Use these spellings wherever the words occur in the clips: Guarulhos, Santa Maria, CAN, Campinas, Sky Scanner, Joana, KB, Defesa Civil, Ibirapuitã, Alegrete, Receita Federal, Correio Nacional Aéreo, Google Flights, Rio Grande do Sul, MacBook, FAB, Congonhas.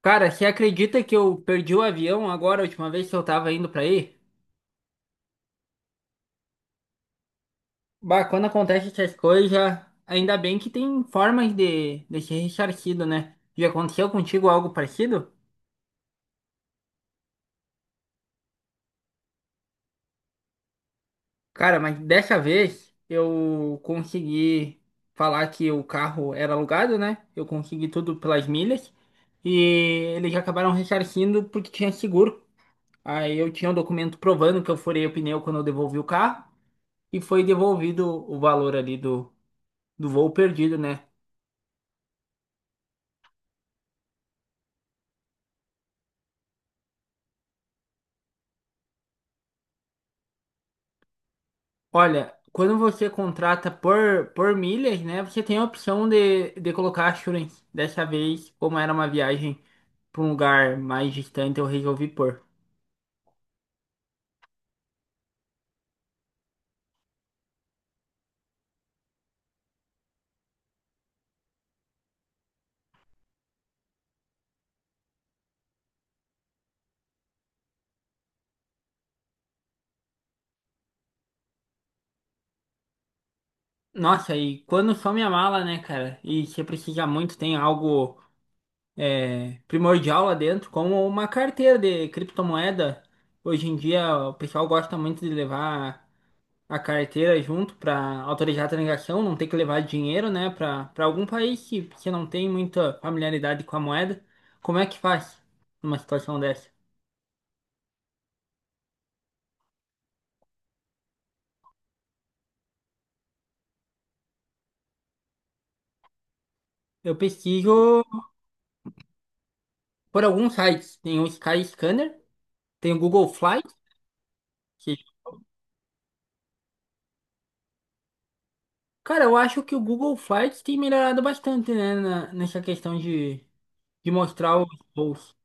Cara, você acredita que eu perdi o avião agora, a última vez que eu tava indo pra aí? Bah, quando acontece essas coisas, ainda bem que tem formas de ser ressarcido, né? Já aconteceu contigo algo parecido? Cara, mas dessa vez eu consegui falar que o carro era alugado, né? Eu consegui tudo pelas milhas e eles acabaram ressarcindo porque tinha seguro. Aí eu tinha um documento provando que eu furei o pneu quando eu devolvi o carro e foi devolvido o valor ali do voo perdido, né? Olha, quando você contrata por milhas, né? Você tem a opção de colocar assurance. Dessa vez, como era uma viagem para um lugar mais distante, eu resolvi pôr. Nossa, e quando some a mala, né, cara? E você precisa muito, tem algo primordial lá dentro, como uma carteira de criptomoeda. Hoje em dia, o pessoal gosta muito de levar a carteira junto para autorizar a transação, não ter que levar dinheiro, né, para algum país que não tem muita familiaridade com a moeda. Como é que faz numa situação dessa? Eu pesquiso por alguns sites. Tem o Sky Scanner, tem o Google Flights. que- Cara, eu acho que o Google Flights tem melhorado bastante, né, nessa questão de mostrar os voos.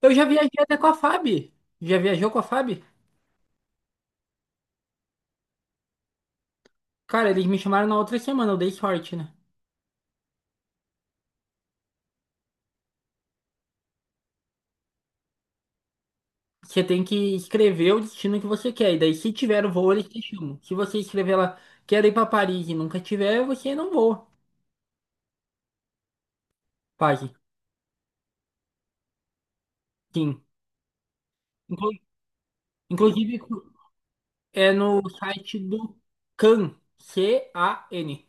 Eu já viajei até com a FAB. Já viajou com a FAB? Cara, eles me chamaram na outra semana, eu dei sorte, né? Você tem que escrever o destino que você quer. E daí, se tiver o voo, eles te chamam. Se você escrever lá, quero ir para Paris e nunca tiver, você não voa. Pague. Sim. Inclu- Inclusive, é no site do CAN. CAN.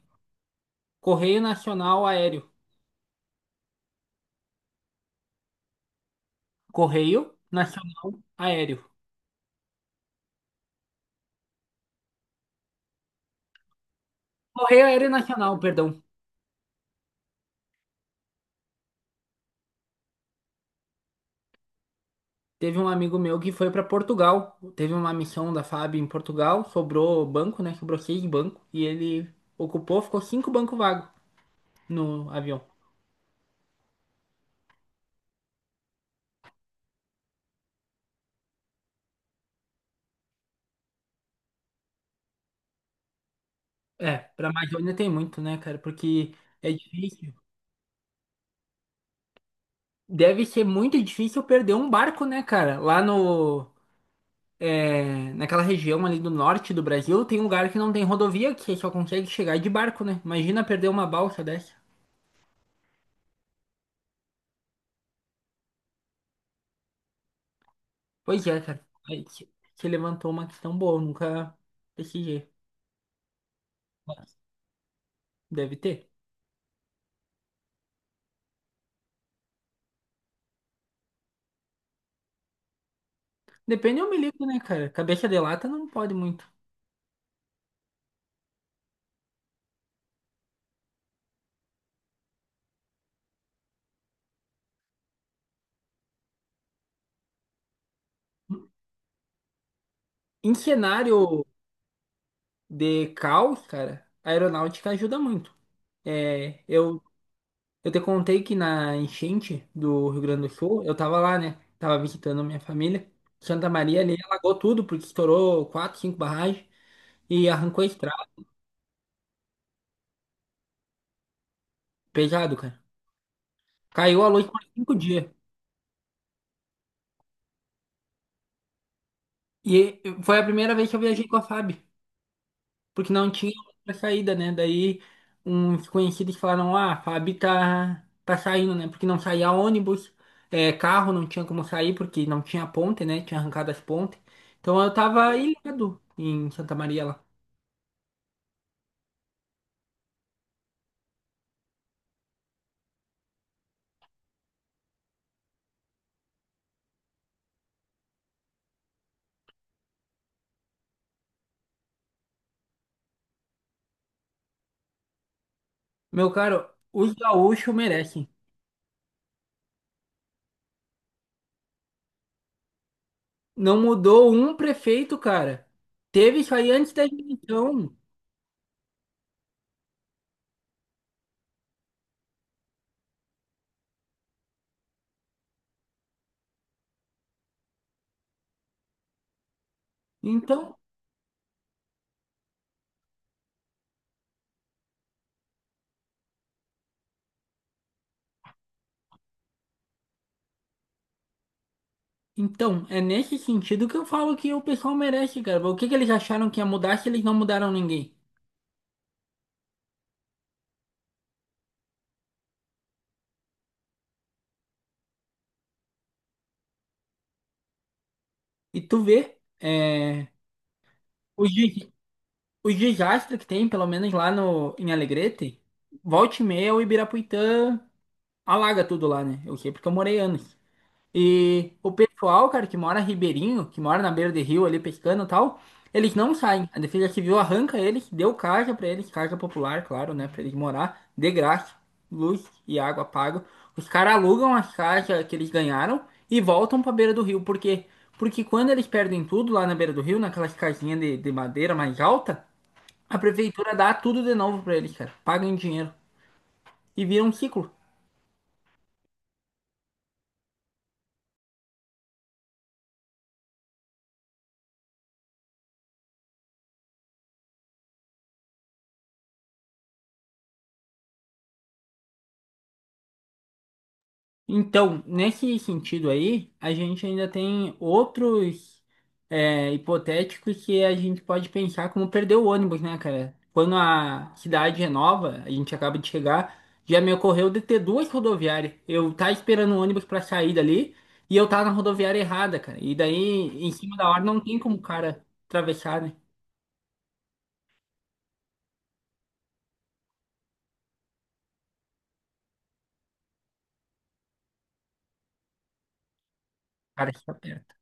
Correio Nacional Aéreo. Correio Nacional Aéreo. Correio Aéreo Nacional, perdão. Teve um amigo meu que foi para Portugal. Teve uma missão da FAB em Portugal. Sobrou banco, né? Sobrou seis bancos. E ele ocupou, ficou cinco bancos vagos no avião. É, pra Amazônia tem muito, né, cara? Porque é difícil. Deve ser muito difícil perder um barco, né, cara? Lá no. é, naquela região ali do norte do Brasil, tem um lugar que não tem rodovia, que você só consegue chegar de barco, né? Imagina perder uma balsa dessa. Pois é, cara. Aí você levantou uma questão boa, eu nunca pesquisei. Mas deve ter. Depende do milico, né, cara? Cabeça de lata não pode muito. Em cenário de caos, cara, a aeronáutica ajuda muito. É, eu te contei que na enchente do Rio Grande do Sul, eu tava lá, né? Tava visitando minha família. Santa Maria ali alagou tudo, porque estourou quatro, cinco barragens e arrancou a estrada. Pesado, cara. Caiu a luz por 5 dias. E foi a primeira vez que eu viajei com a FAB, porque não tinha outra saída, né? Daí uns conhecidos falaram, ah, a FAB tá saindo, né? Porque não saía ônibus, carro não tinha como sair, porque não tinha ponte, né? Tinha arrancado as pontes. Então eu tava ilhado em Santa Maria lá. Meu caro, os gaúchos merecem. Não mudou um prefeito, cara. Teve isso aí antes da eleição. Então, então, é nesse sentido que eu falo que o pessoal merece, cara. O que que eles acharam que ia mudar se eles não mudaram ninguém? E tu vê, os, des- os desastres que tem, pelo menos lá no, em Alegrete, volte e meia o Ibirapuitã alaga tudo lá, né? Eu sei porque eu morei anos. E o pessoal, cara, que mora ribeirinho, que mora na beira de rio ali pescando e tal, eles não saem. A Defesa Civil arranca eles, deu casa pra eles, casa popular, claro, né, pra eles morar de graça, luz e água pago. Os caras alugam as casas que eles ganharam e voltam pra beira do rio. Por quê? Porque quando eles perdem tudo lá na beira do rio, naquelas casinhas de madeira mais alta, a prefeitura dá tudo de novo pra eles, cara. Pagam em dinheiro e vira um ciclo. Então, nesse sentido aí, a gente ainda tem outros hipotéticos que a gente pode pensar como perder o ônibus, né, cara? Quando a cidade é nova, a gente acaba de chegar, já me ocorreu de ter duas rodoviárias. Eu tá esperando o ônibus pra sair dali e eu tava na rodoviária errada, cara. E daí, em cima da hora, não tem como o cara atravessar, né? O cara se aperta.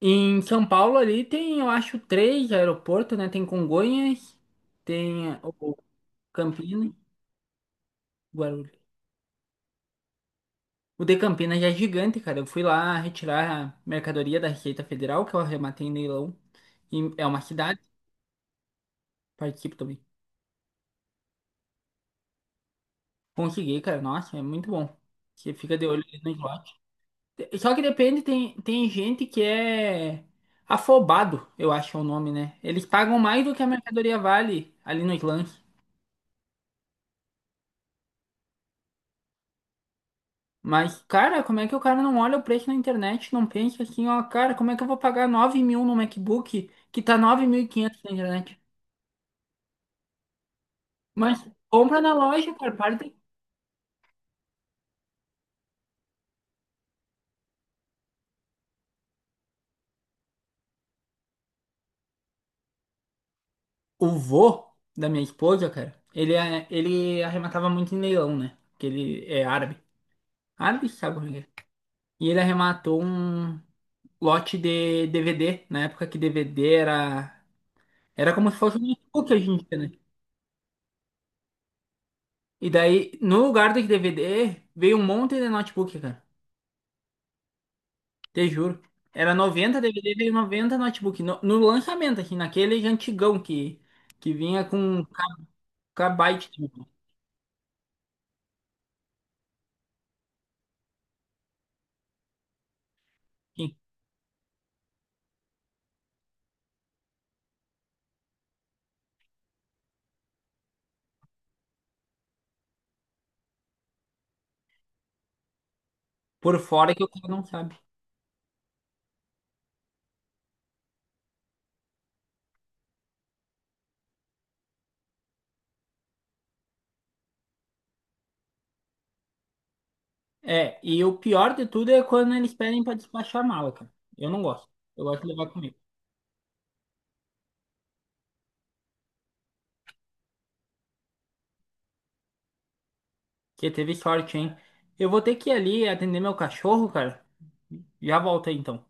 Em São Paulo ali tem, eu acho, três aeroportos, né? Tem Congonhas, tem o Campinas. Guarulhos. O de Campinas já é gigante, cara. Eu fui lá retirar a mercadoria da Receita Federal, que eu arrematei em leilão. E é uma cidade, participo também. Consegui, cara. Nossa, é muito bom. Você fica de olho ali no slot. Só que depende, tem gente que é afobado, eu acho é o nome, né? Eles pagam mais do que a mercadoria vale ali nos lances. Mas, cara, como é que o cara não olha o preço na internet, não pensa assim, ó, cara, como é que eu vou pagar 9 mil no MacBook que tá 9.500 na internet? Mas compra na loja, cara. Para de... O vô da minha esposa, cara, ele arrematava muito em leilão, né? Porque ele é árabe. Árabe, sabe como é que é. E ele arrematou um lote de DVD, na época que DVD era... Era como se fosse um notebook hoje em dia, né? E daí, no lugar dos DVD, veio um monte de notebook, cara. Te juro. Era 90 DVD, veio 90 notebook. No lançamento, assim, naquele antigão que vinha com KB. Por fora que o cara não sabe. É, e o pior de tudo é quando eles pedem pra despachar a mala, cara. Eu não gosto. Eu gosto de levar comigo. Porque teve sorte, hein? Eu vou ter que ir ali atender meu cachorro, cara. Já volto aí, então.